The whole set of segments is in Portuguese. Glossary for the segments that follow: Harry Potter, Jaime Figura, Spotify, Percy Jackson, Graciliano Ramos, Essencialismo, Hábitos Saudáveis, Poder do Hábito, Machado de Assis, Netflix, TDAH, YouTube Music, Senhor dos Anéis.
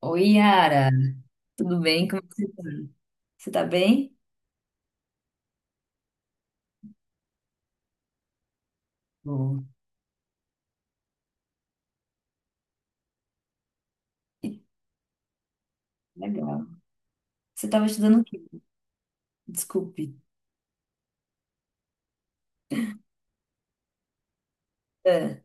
Oi, Yara, tudo bem? Como é que você tá? Você tá bem? Bom. Ih, legal. Você tava estudando o quê? Desculpe. É.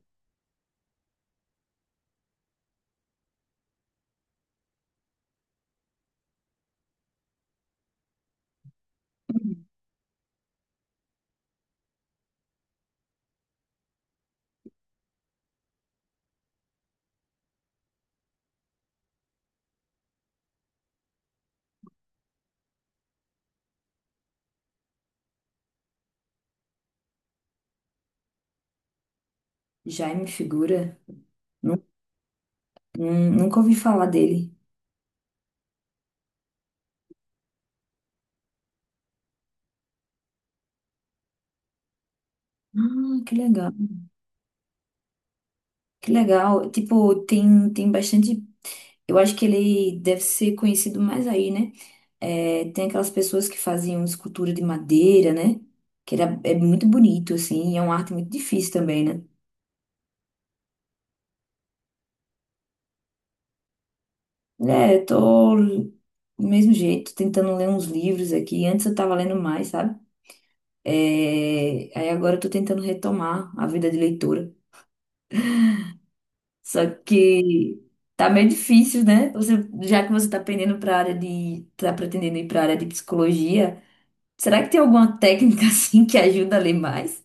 Jaime Figura? Nu- Nunca ouvi falar dele. Ah, que legal. Que legal. Tipo, tem bastante. Eu acho que ele deve ser conhecido mais aí, né? É, tem aquelas pessoas que faziam escultura de madeira, né? É muito bonito, assim, e é uma arte muito difícil também, né? É, eu tô do mesmo jeito, tentando ler uns livros aqui. Antes eu tava lendo mais, sabe? Aí agora eu tô tentando retomar a vida de leitura. Só que tá meio difícil, né? Já que você tá pendendo pra área tá pretendendo ir pra área de psicologia, será que tem alguma técnica assim que ajuda a ler mais?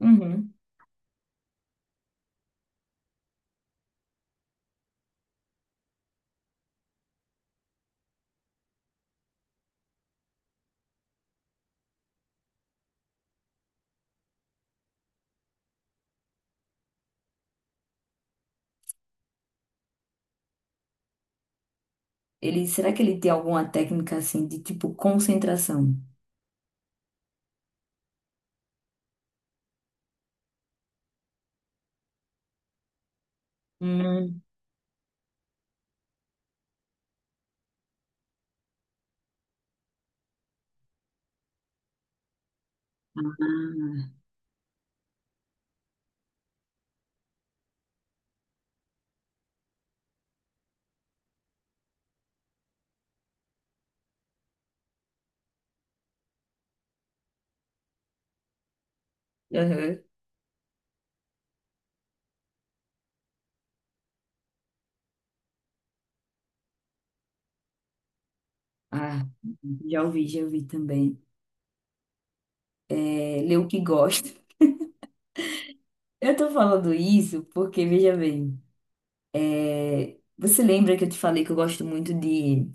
Uhum. Ele, será que ele tem alguma técnica assim de tipo concentração? Hum. Ah, aham. Ah, já ouvi também. É, ler o que gosta. Eu tô falando isso porque, veja bem, você lembra que eu te falei que eu gosto muito de.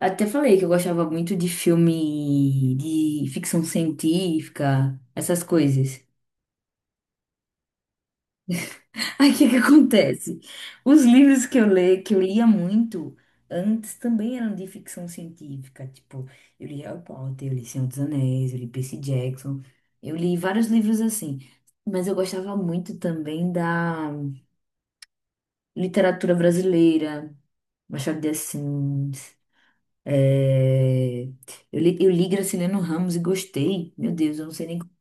Até falei que eu gostava muito de filme de ficção científica, essas coisas. Aí o que que acontece? Os livros que eu leio, que eu lia muito antes também eram de ficção científica. Tipo, eu li Harry Potter, eu li Senhor dos Anéis, eu li Percy Jackson, eu li vários livros assim. Mas eu gostava muito também da literatura brasileira, Machado de Assis. é, eu li Graciliano Ramos e gostei. Meu Deus, eu não sei nem como.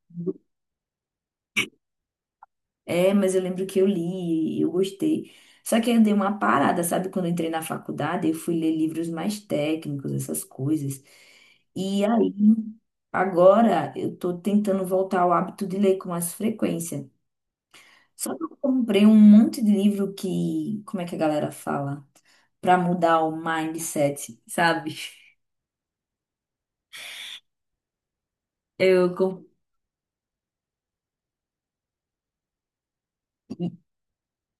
É, mas eu lembro que eu li e eu gostei. Só que aí eu dei uma parada, sabe? Quando eu entrei na faculdade, eu fui ler livros mais técnicos, essas coisas. E aí, agora eu tô tentando voltar ao hábito de ler com mais frequência. Só que eu comprei um monte de livro que, como é que a galera fala? Pra mudar o mindset, sabe? Eu com-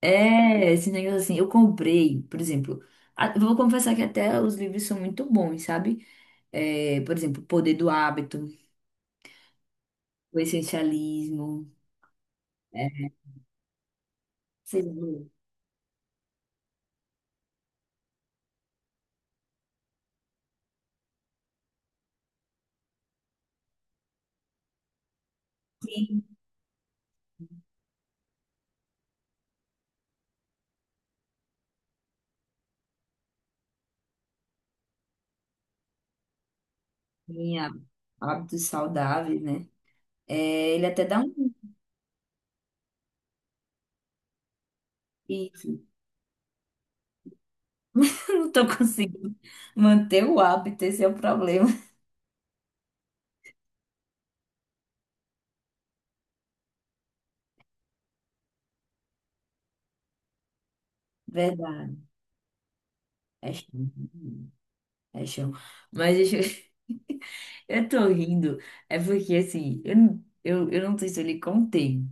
Esse negócio assim, eu comprei, por exemplo, vou confessar que até os livros são muito bons, sabe? É, por exemplo, Poder do Hábito, O Essencialismo, é, vocês leu? Sim, sim, Hábitos Saudáveis, né? É, ele até dá um... Isso, eu não tô conseguindo manter o hábito, esse é o problema. Verdade. Paixão. Paixão. Mas deixa eu... eu tô rindo. É porque, assim, eu não sei se eu lhe contei,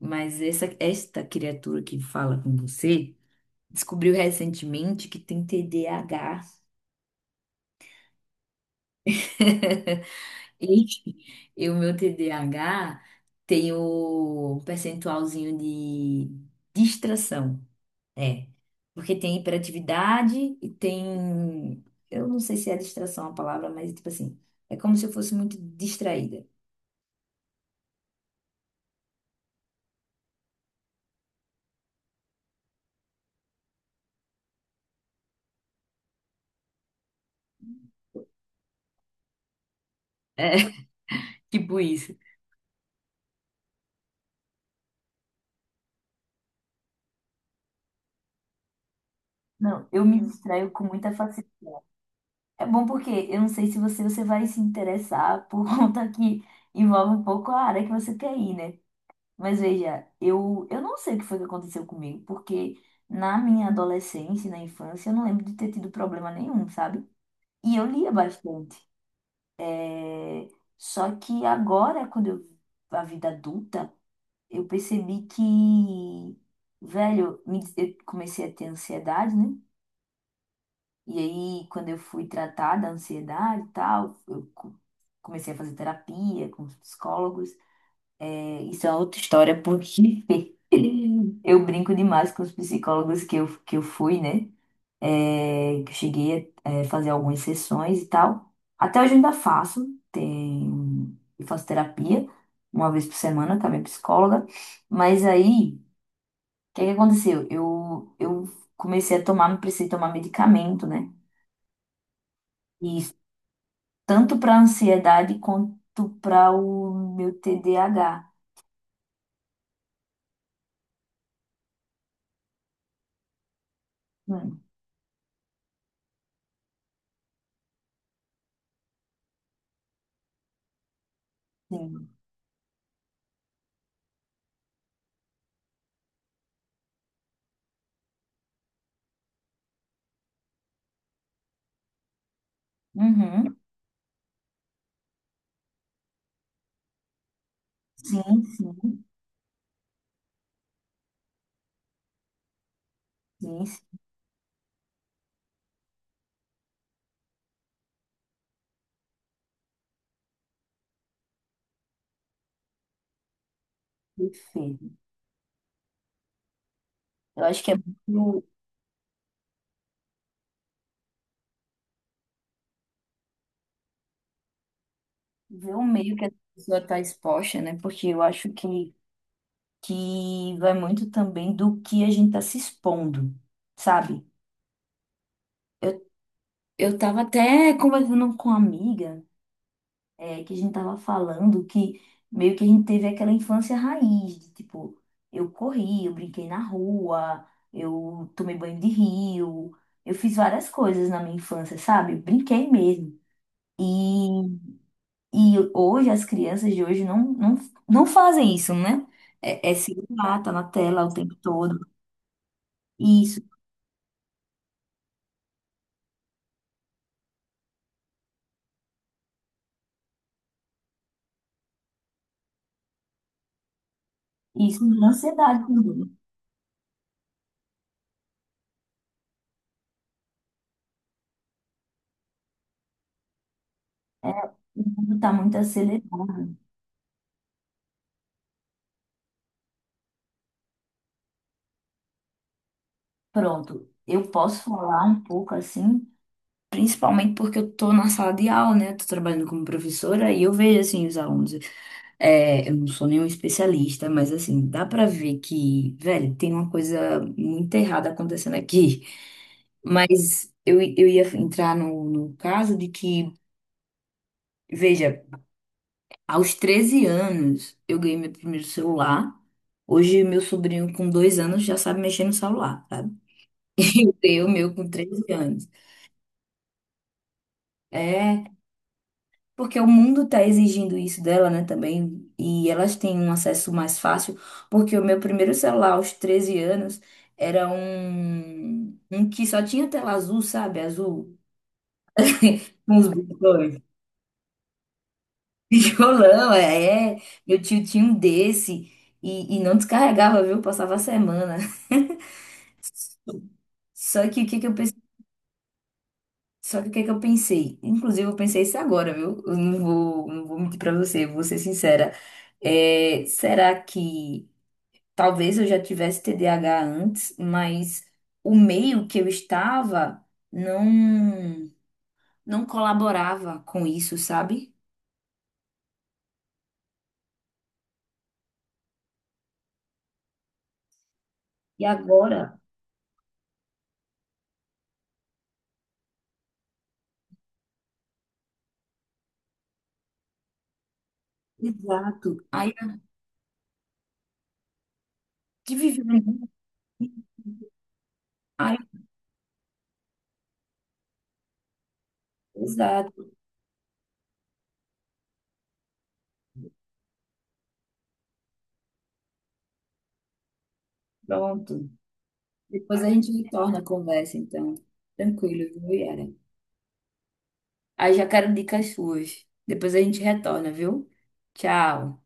mas esta criatura que fala com você descobriu recentemente que tem TDAH. E, e o meu TDAH tem o percentualzinho de distração. É, porque tem hiperatividade e tem. Eu não sei se é distração a palavra, mas tipo assim, é como se eu fosse muito distraída. É, tipo isso. Não, eu me distraio com muita facilidade. É bom porque eu não sei se você, você vai se interessar por conta que envolve um pouco a área que você quer ir, né? Mas veja, eu não sei o que foi que aconteceu comigo, porque na minha adolescência, e na infância, eu não lembro de ter tido problema nenhum, sabe? E eu lia bastante. É, só que agora, quando eu, a vida adulta, eu percebi que, velho, eu comecei a ter ansiedade, né? E aí, quando eu fui tratar da ansiedade e tal, comecei a fazer terapia com os psicólogos. É, isso é outra história, porque eu brinco demais com os psicólogos que eu fui, né? É, cheguei a fazer algumas sessões e tal. Até hoje eu ainda faço, tem, eu faço terapia uma vez por semana com a minha psicóloga. Mas aí, o que que aconteceu? Eu comecei a tomar, precisei tomar medicamento, né? E isso tanto para ansiedade quanto para o meu TDAH. Hum, sim. Uhum. Sim, sim, perfeito. Eu acho que é muito ver o meio que a pessoa está exposta, né? Porque eu acho que vai muito também do que a gente tá se expondo, sabe? Eu, eu tava até conversando com uma amiga, que a gente tava falando que meio que a gente teve aquela infância raiz, de, tipo, eu corri, eu brinquei na rua, eu tomei banho de rio, eu fiz várias coisas na minha infância, sabe? Eu brinquei mesmo. E, e hoje as crianças de hoje não fazem isso, né? É, é celular, tá na tela o tempo todo. Isso. Isso me dá ansiedade também. Né? É, o mundo está muito acelerado. Pronto, eu posso falar um pouco assim, principalmente porque eu estou na sala de aula, né? Estou trabalhando como professora e eu vejo assim os alunos. É, eu não sou nenhum especialista, mas assim, dá pra ver que, velho, tem uma coisa muito errada acontecendo aqui. Mas eu ia entrar no caso de que, veja. Aos 13 anos, eu ganhei meu primeiro celular. Hoje, meu sobrinho com 2 anos já sabe mexer no celular, sabe? Eu, meu, com 13 anos. É, porque o mundo tá exigindo isso dela, né, também. E elas têm um acesso mais fácil, porque o meu primeiro celular aos 13 anos era um que só tinha tela azul, sabe? Azul, com os botões. Tijolão, é. Meu tio tinha um desse. E não descarregava, viu? Passava a semana. Só que o que que eu pensei, só que o que que eu pensei? Inclusive eu pensei isso agora, viu? Eu não vou, não vou mentir pra você, eu vou ser sincera. É, será que talvez eu já tivesse TDAH antes, mas o meio que eu estava não não colaborava com isso, sabe? E agora, exato. Aí eu tive vivendo, aí, exato, pronto. Depois a gente retorna a conversa, então. Tranquilo, viu, Yara? Aí já quero dicas suas. Depois a gente retorna, viu? Tchau.